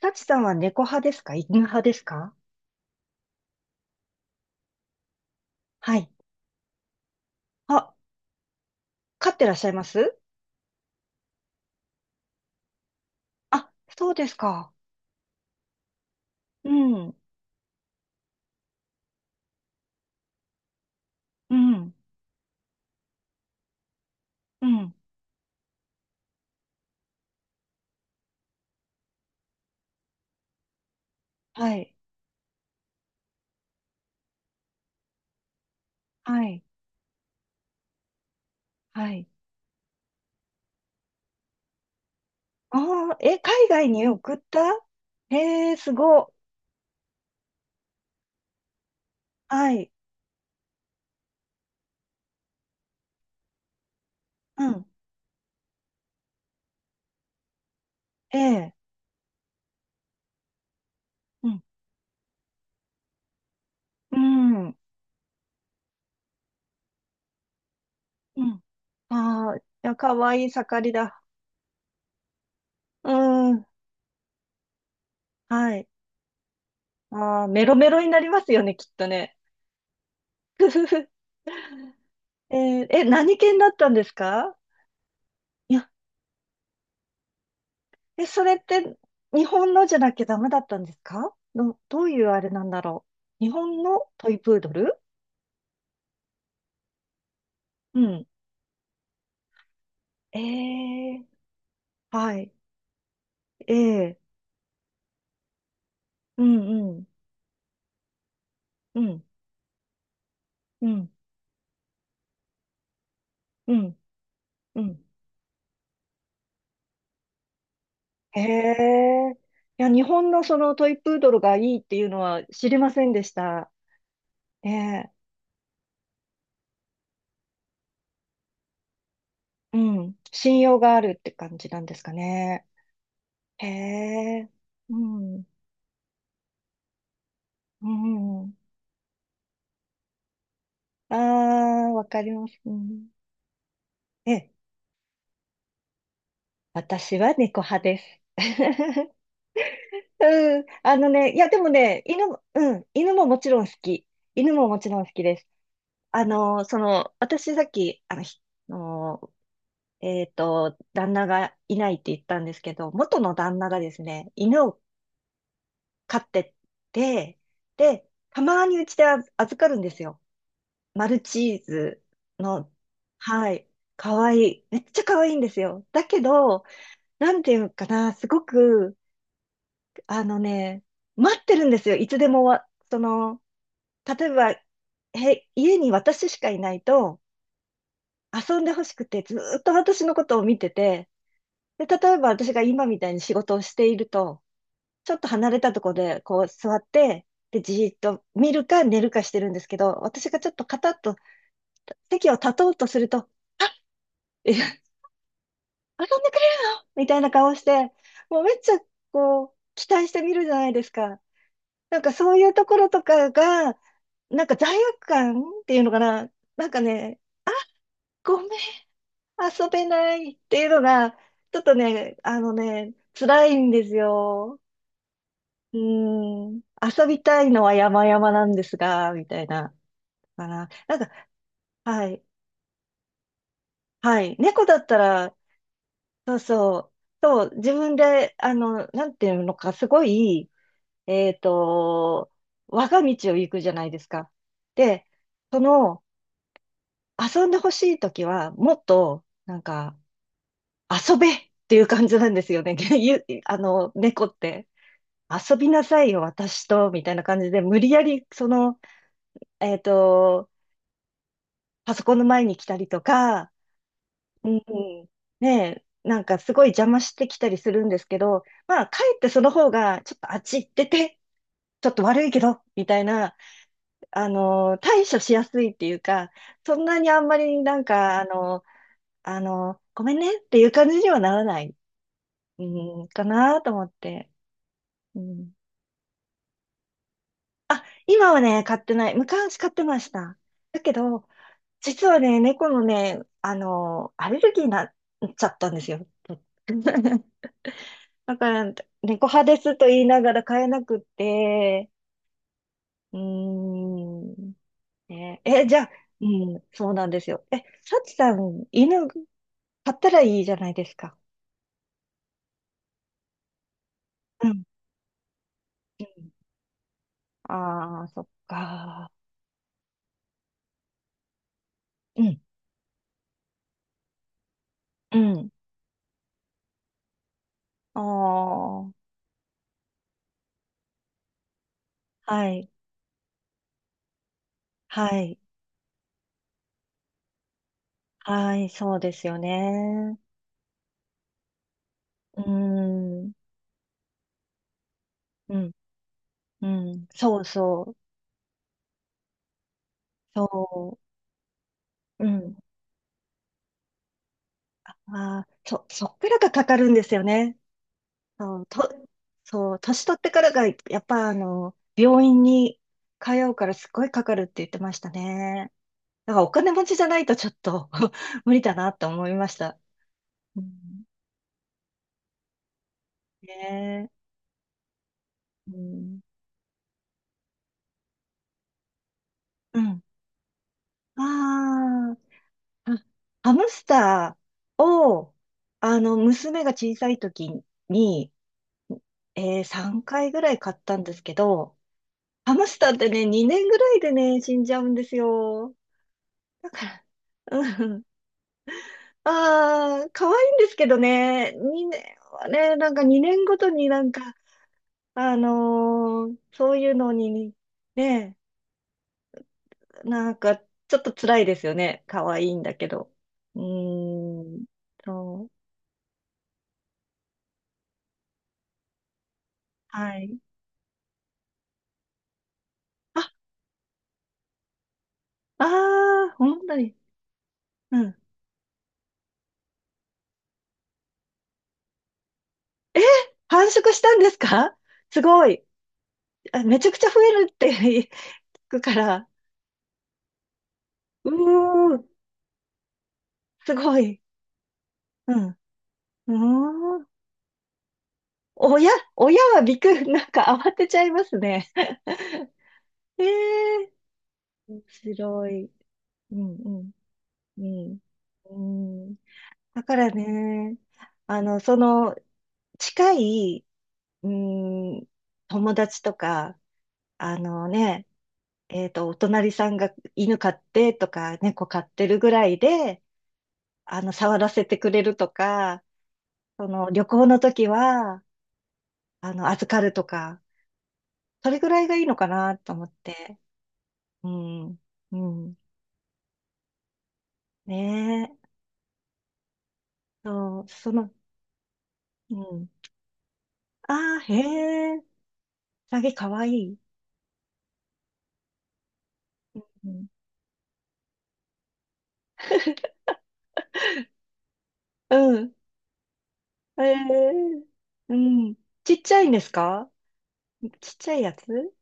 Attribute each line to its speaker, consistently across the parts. Speaker 1: タチさんは猫派ですか？犬派ですか？はい。あ、飼ってらっしゃいます？あ、そうですか。うん、うん、うん。はい、はい、はい。ああ、え、海外に送った？へえ、すご。はい、うん、ええ、うん、うん、うん。ああ、いや、かわいい盛りだ。うん、はい。ああ、メロメロになりますよね、きっとね。ふふふ。えーえ、何犬だったんですか？いや、それって日本のじゃなきゃダメだったんですか？どういうあれなんだろう。日本のトイプードル？うん。ええ。はい。ええ。うんうん。うん。うん。うん。うん。ええ。いや、日本のそのトイプードルがいいっていうのは知りませんでした。ええ。うん。信用があるって感じなんですかね。へえ。うん。うん。ああ、わかります。うん。ええ。私は猫派です。うん。あのね、いや、でもね、犬も、うん、犬ももちろん好き。犬ももちろん好きです。あの、その、私さっき、あの、ひあのえっと、旦那がいないって言ったんですけど、元の旦那がですね、犬を飼ってて、で、たまにうちで預かるんですよ。マルチーズの、はい、かわいい。めっちゃかわいいんですよ。だけど、なんていうのかな、すごく、あのね、待ってるんですよ。いつでもその、例えば、家に私しかいないと、遊んでほしくて、ずーっと私のことを見てて、で、例えば私が今みたいに仕事をしていると、ちょっと離れたとこで、こう座って、で、じーっと見るか寝るかしてるんですけど、私がちょっとカタッと席を立とうとすると、え、遊んでくれよみたいな顔して、もうめっちゃ、こう、期待してみるじゃないですか。なんかそういうところとかが、なんか罪悪感っていうのかな。なんかね、ごめん、遊べないっていうのが、ちょっとね、あのね、辛いんですよ。うーん、遊びたいのは山々なんですが、みたいな。かな。なんか、はい、はい。猫だったら、そうそう、そう、自分で、あの、なんていうのか、すごい、えっと、我が道を行くじゃないですか。で、その、遊んでほしいときは、もっと、なんか、遊べっていう感じなんですよね。ゆあの、猫って。遊びなさいよ、私と、みたいな感じで、無理やり、その、えっと、パソコンの前に来たりとか、うん、ねえ、なんかすごい邪魔してきたりするんですけど、まあ、かえってその方が、ちょっとあっち行ってて、ちょっと悪いけど、みたいな、あの、対処しやすいっていうか、そんなにあんまりなんか、あの、ごめんねっていう感じにはならない、うん、かなと思って。うん、今はね、買ってない。昔買ってました。だけど、実はね、猫のね、あの、アレルギーになっちゃったんですよ。だから、猫派ですと言いながら飼えなくって、うーん、ね、え、じゃあ、うん、そうなんですよ。え、サチさん、犬飼ったらいいじゃないですか。うん。ああー、そっか。うん、うん。ああ、はい、はい、はい、そうですよね。うーん、うん、うん、そうそう、そう、うん。ああ、そっからがかかるんですよね。そう、そう、年取ってからが、やっぱ、あの、病院に通うからすっごいかかるって言ってましたね。だからお金持ちじゃないとちょっと 無理だなと思いました。うん、ねえ、うん、うん。ああ、あハムスターを、あの、娘が小さい時に、3回ぐらい買ったんですけど、ハムスターってね、2年ぐらいでね、死んじゃうんですよ。だから、うん。ああ、可愛いんですけどね、2年はね、なんか2年ごとになんか、そういうのにね、なんかちょっと辛いですよね。可愛いんだけど。うーん、そう。はい。ああ、本当に。うん。え、繁殖したんですか？すごい。あ、めちゃくちゃ増えるって 聞くから。うーん、すごい。うん。うーん。親、親はびっくり、なんか慌てちゃいますね。ええ。面白い。うんうん。うん。うん。だからね、あの、その、近い、うん、友達とか、あのね、お隣さんが犬飼ってとか、猫飼ってるぐらいで、あの、触らせてくれるとか、その、旅行の時は、あの、預かるとか、それぐらいがいいのかなと思って。うん。うん。ねえ。そう、その、うん。ああ、へえ。サゲかわいい。うん。うん。へえ。うん。ちっちゃいんですか？ちっちゃいやつ？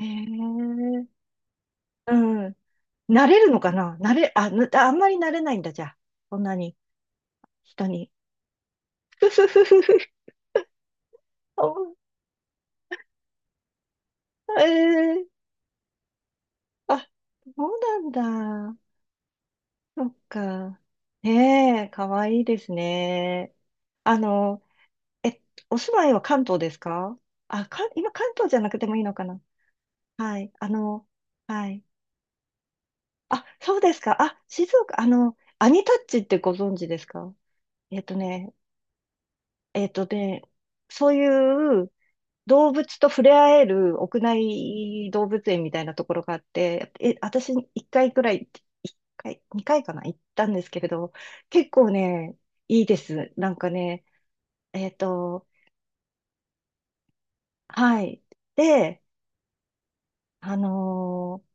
Speaker 1: へえ。うん。慣れるのかな？慣れ、あ、ぬあんまり慣れないんだ、じゃあ。そんなに、人に。ふふふふふ。あ、ええ、あ、そうなんだ。そっか。ねえ、かわいいですね。あの、え、お住まいは関東ですか？あ、今関東じゃなくてもいいのかな？はい。あの、はい。あ、そうですか。あ、静岡、あの、アニタッチってご存知ですか？えっとね、えっとね、そういう動物と触れ合える屋内動物園みたいなところがあって、え、私1回くらい、1回、2回かな、行ったんですけれど、結構ね、いいです。なんかね、えっと、はい。で、あのー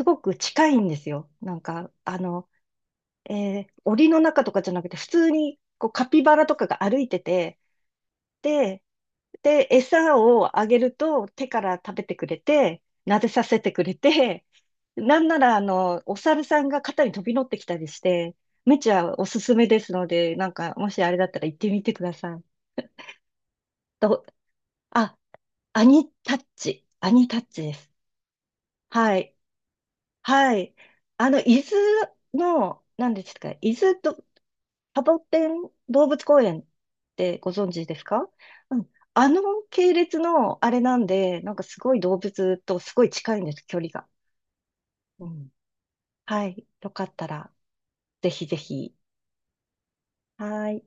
Speaker 1: すごく近いんですよ。なんか、あの、檻の中とかじゃなくて、普通にこうカピバラとかが歩いてて、で、餌をあげると手から食べてくれて、撫でさせてくれて、なんなら、あの、お猿さんが肩に飛び乗ってきたりして、めちゃおすすめですので、なんか、もしあれだったら行ってみてください。と、あ、アニタッチ。アニタッチです。はい。はい。あの、伊豆の、何ですか、伊豆ど、サボテン動物公園ってご存知ですか？うん。あの系列のあれなんで、なんかすごい動物とすごい近いんです、距離が。うん。はい。よかったら、ぜひぜひ。はーい。